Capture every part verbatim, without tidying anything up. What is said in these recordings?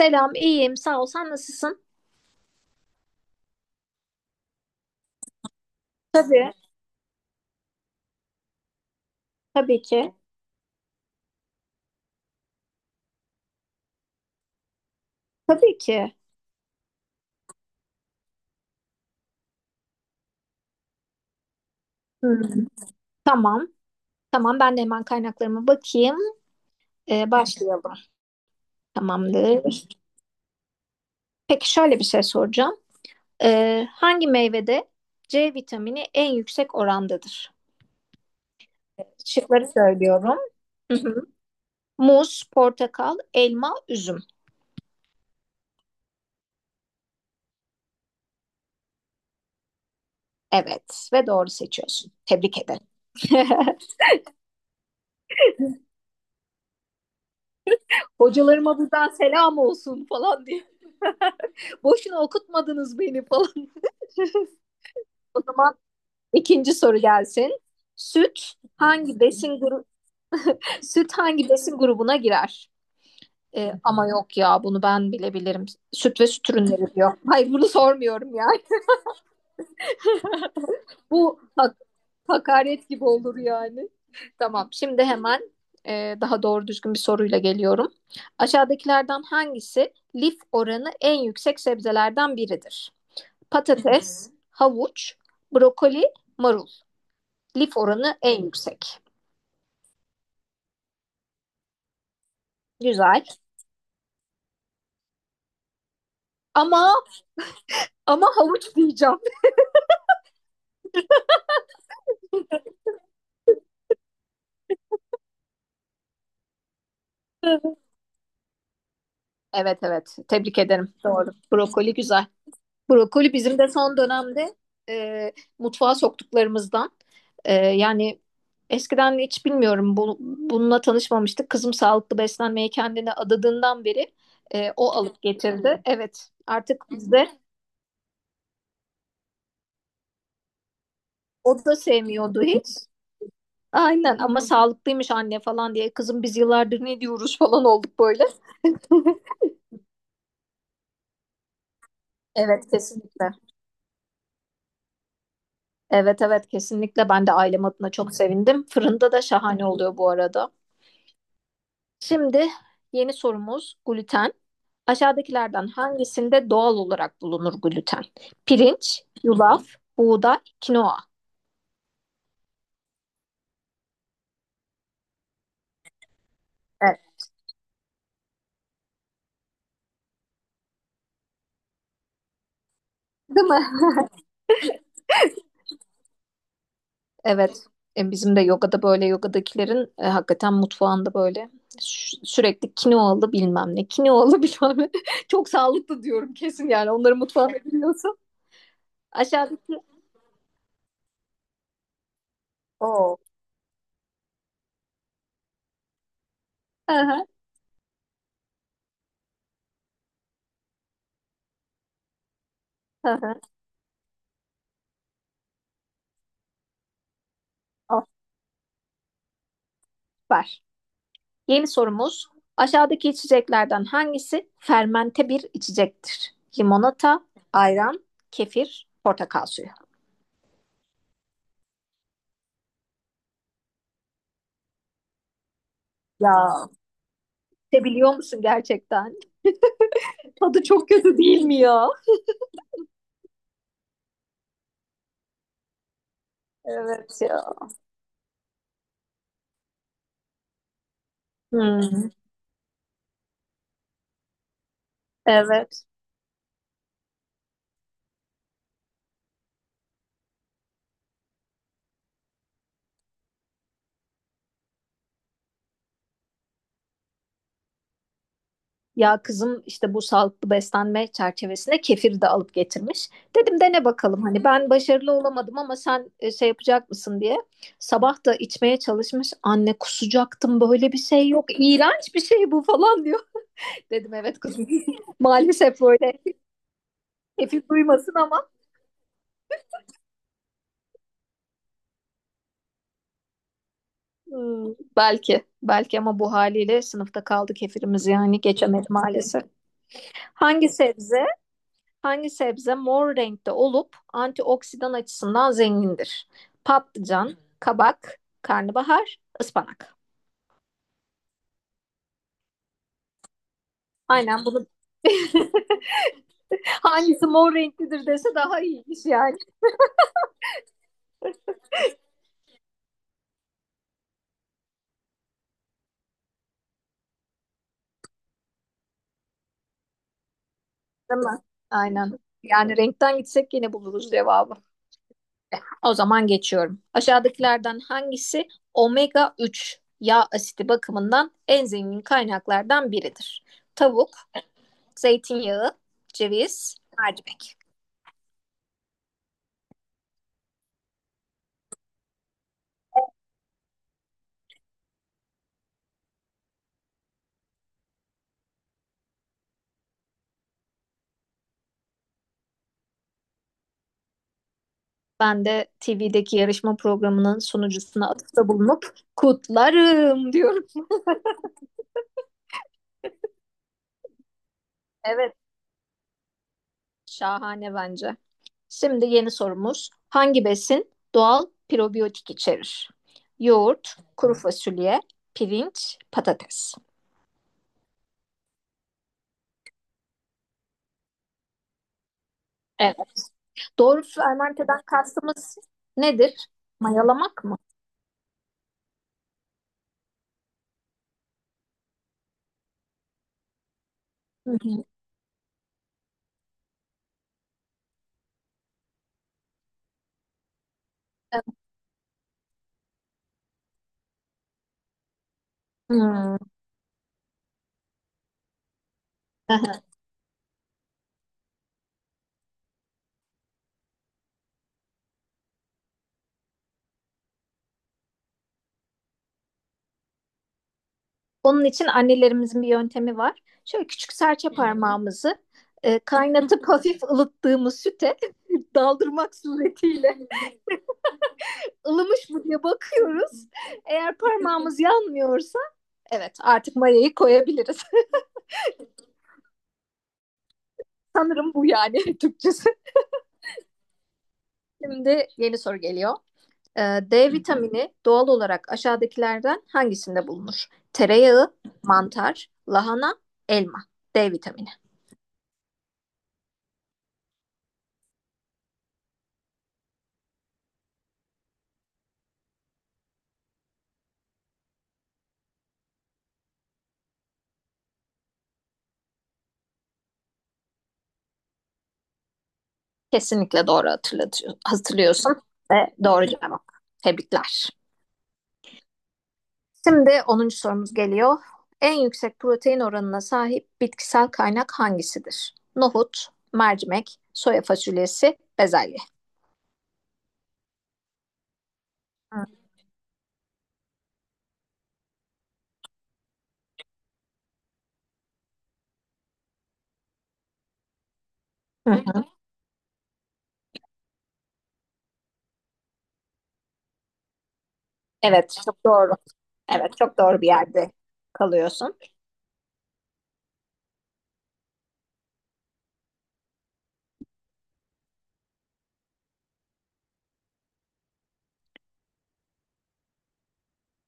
Selam, iyiyim. Sağ ol. Sen nasılsın? Tabii, tabii ki. Tabii ki. Hmm. Tamam. Tamam, ben de hemen kaynaklarıma bakayım. Ee, başlayalım. Tamamdır. Peki şöyle bir şey soracağım. Ee, hangi meyvede C vitamini en yüksek orandadır? Şıkları söylüyorum. Hı hı. Muz, portakal, elma, üzüm. Evet ve doğru seçiyorsun. Tebrik ederim. Hocalarıma buradan selam olsun falan diye. Boşuna okutmadınız beni falan. O zaman ikinci soru gelsin. Süt hangi besin grubu süt hangi besin grubuna girer? Ee, ama yok ya bunu ben bilebilirim. Süt ve süt ürünleri diyor. Hayır bunu sormuyorum ya. Bu hak- hakaret gibi olur yani. Tamam, şimdi hemen e, daha doğru düzgün bir soruyla geliyorum. Aşağıdakilerden hangisi lif oranı en yüksek sebzelerden biridir? Patates, havuç, brokoli, marul. Lif oranı en yüksek. Güzel. Ama ama havuç diyeceğim. Evet evet. Tebrik ederim. Doğru. Brokoli güzel. Brokoli bizim de son dönemde e, mutfağa soktuklarımızdan. E, yani eskiden hiç bilmiyorum bu, bununla tanışmamıştık. Kızım sağlıklı beslenmeye kendine adadığından beri e, o alıp getirdi. Evet. Artık bizde o da sevmiyordu hiç. Aynen ama sağlıklıymış anne falan diye. Kızım biz yıllardır ne diyoruz falan olduk böyle. Evet, kesinlikle. Evet evet, kesinlikle ben de ailem adına çok sevindim. Fırında da şahane oluyor bu arada. Şimdi yeni sorumuz gluten. Aşağıdakilerden hangisinde doğal olarak bulunur gluten? Pirinç, yulaf, buğday, kinoa. Evet. Değil mi? Evet. E, Bizim de yogada böyle yogadakilerin e, hakikaten mutfağında böyle sü- sürekli kinoalı bilmem ne, kinoalı bilmem ne. Çok sağlıklı diyorum kesin, yani onların mutfağını biliyorsun. Aşağıdaki. Oo. Hı hı, hı hı. Oh, süper. Yeni sorumuz. Aşağıdaki içeceklerden hangisi fermente bir içecektir? Limonata, ayran, kefir, portakal suyu. Ya sebiliyor musun gerçekten? Tadı çok kötü değil mi ya? Evet ya. Hmm, evet. Ya kızım işte bu sağlıklı beslenme çerçevesine kefir de alıp getirmiş. Dedim dene bakalım, hani ben başarılı olamadım ama sen e, şey yapacak mısın diye. Sabah da içmeye çalışmış. Anne kusacaktım, böyle bir şey yok. İğrenç bir şey bu falan diyor. Dedim evet kızım. Maalesef böyle kefil duymasın ama hmm, belki belki ama bu haliyle sınıfta kaldı kefirimiz, yani geçemedi maalesef. Hangi sebze Hangi sebze mor renkte olup antioksidan açısından zengindir? Patlıcan, kabak, karnabahar, ıspanak. Aynen, bunu hangisi mor renklidir dese daha iyiymiş yani. Değil mi? Aynen. Yani renkten gitsek yine buluruz cevabı. O zaman geçiyorum. Aşağıdakilerden hangisi omega üç yağ asidi bakımından en zengin kaynaklardan biridir? Tavuk, zeytinyağı, ceviz, mercimek. Ben de T V'deki yarışma programının sunucusuna atıfta bulunup kutlarım diyorum. Evet, şahane bence. Şimdi yeni sorumuz. Hangi besin doğal probiyotik içerir? Yoğurt, kuru fasulye, pirinç, patates. Evet. Doğrusu Ermente'den kastımız nedir? Mayalamak mı? Hı hı. Evet. Hmm. Aha. Onun için annelerimizin bir yöntemi var. Şöyle küçük serçe parmağımızı e, kaynatıp hafif ılıttığımız süte daldırmak suretiyle ılımış mı diye bakıyoruz. Eğer parmağımız yanmıyorsa evet, artık mayayı koyabiliriz. Sanırım bu yani Türkçesi. Şimdi yeni soru geliyor. Ee, D vitamini doğal olarak aşağıdakilerden hangisinde bulunur? Tereyağı, mantar, lahana, elma. D vitamini. Kesinlikle doğru hatırlatıyor, hatırlıyorsun ve doğru cevap. Tebrikler. Şimdi onuncu sorumuz geliyor. En yüksek protein oranına sahip bitkisel kaynak hangisidir? Nohut, mercimek, soya fasulyesi, bezelye. Hı hı. Evet, çok doğru. Evet, çok doğru bir yerde kalıyorsun.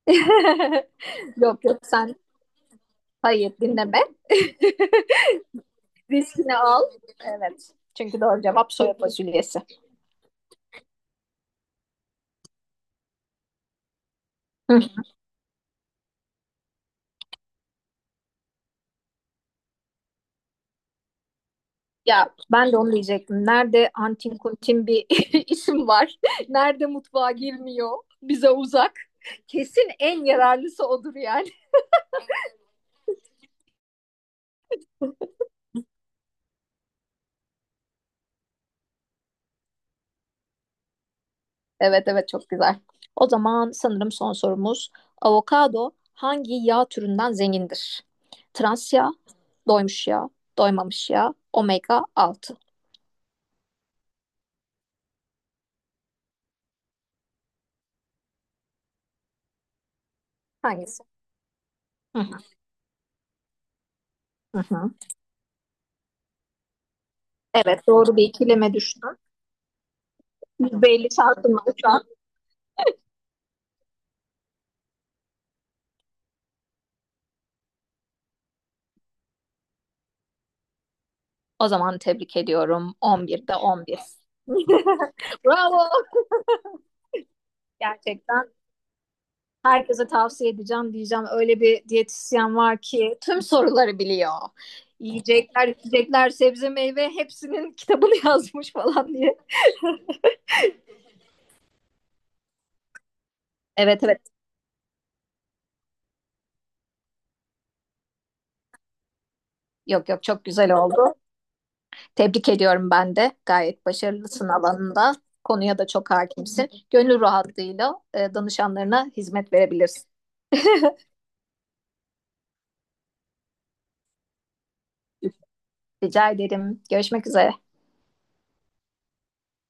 Yok yok sen, hayır dinleme. Riskini al. Evet. Çünkü doğru cevap soya fasulyesi. Hı. Ya ben de onu diyecektim. Nerede antin kuntin bir isim var. Nerede mutfağa girmiyor. Bize uzak. Kesin en yararlısı odur yani. Evet evet, çok güzel. O zaman sanırım son sorumuz. Avokado hangi yağ türünden zengindir? Trans yağ, doymuş yağ, doymamış yağ, omega altı. Hangisi? Hı hı. Hı hı. Evet, doğru bir ikileme düştüm. yüzde elli şansım var şu an. O zaman tebrik ediyorum. on birde on bir. Bravo. Gerçekten herkese tavsiye edeceğim diyeceğim. Öyle bir diyetisyen var ki tüm soruları biliyor. Yiyecekler, içecekler, sebze, meyve hepsinin kitabını yazmış falan diye. Evet evet. Yok yok, çok güzel oldu. Tebrik ediyorum ben de. Gayet başarılısın alanında. Konuya da çok hakimsin. Gönül rahatlığıyla e, danışanlarına hizmet verebilirsin. Rica ederim. Görüşmek üzere.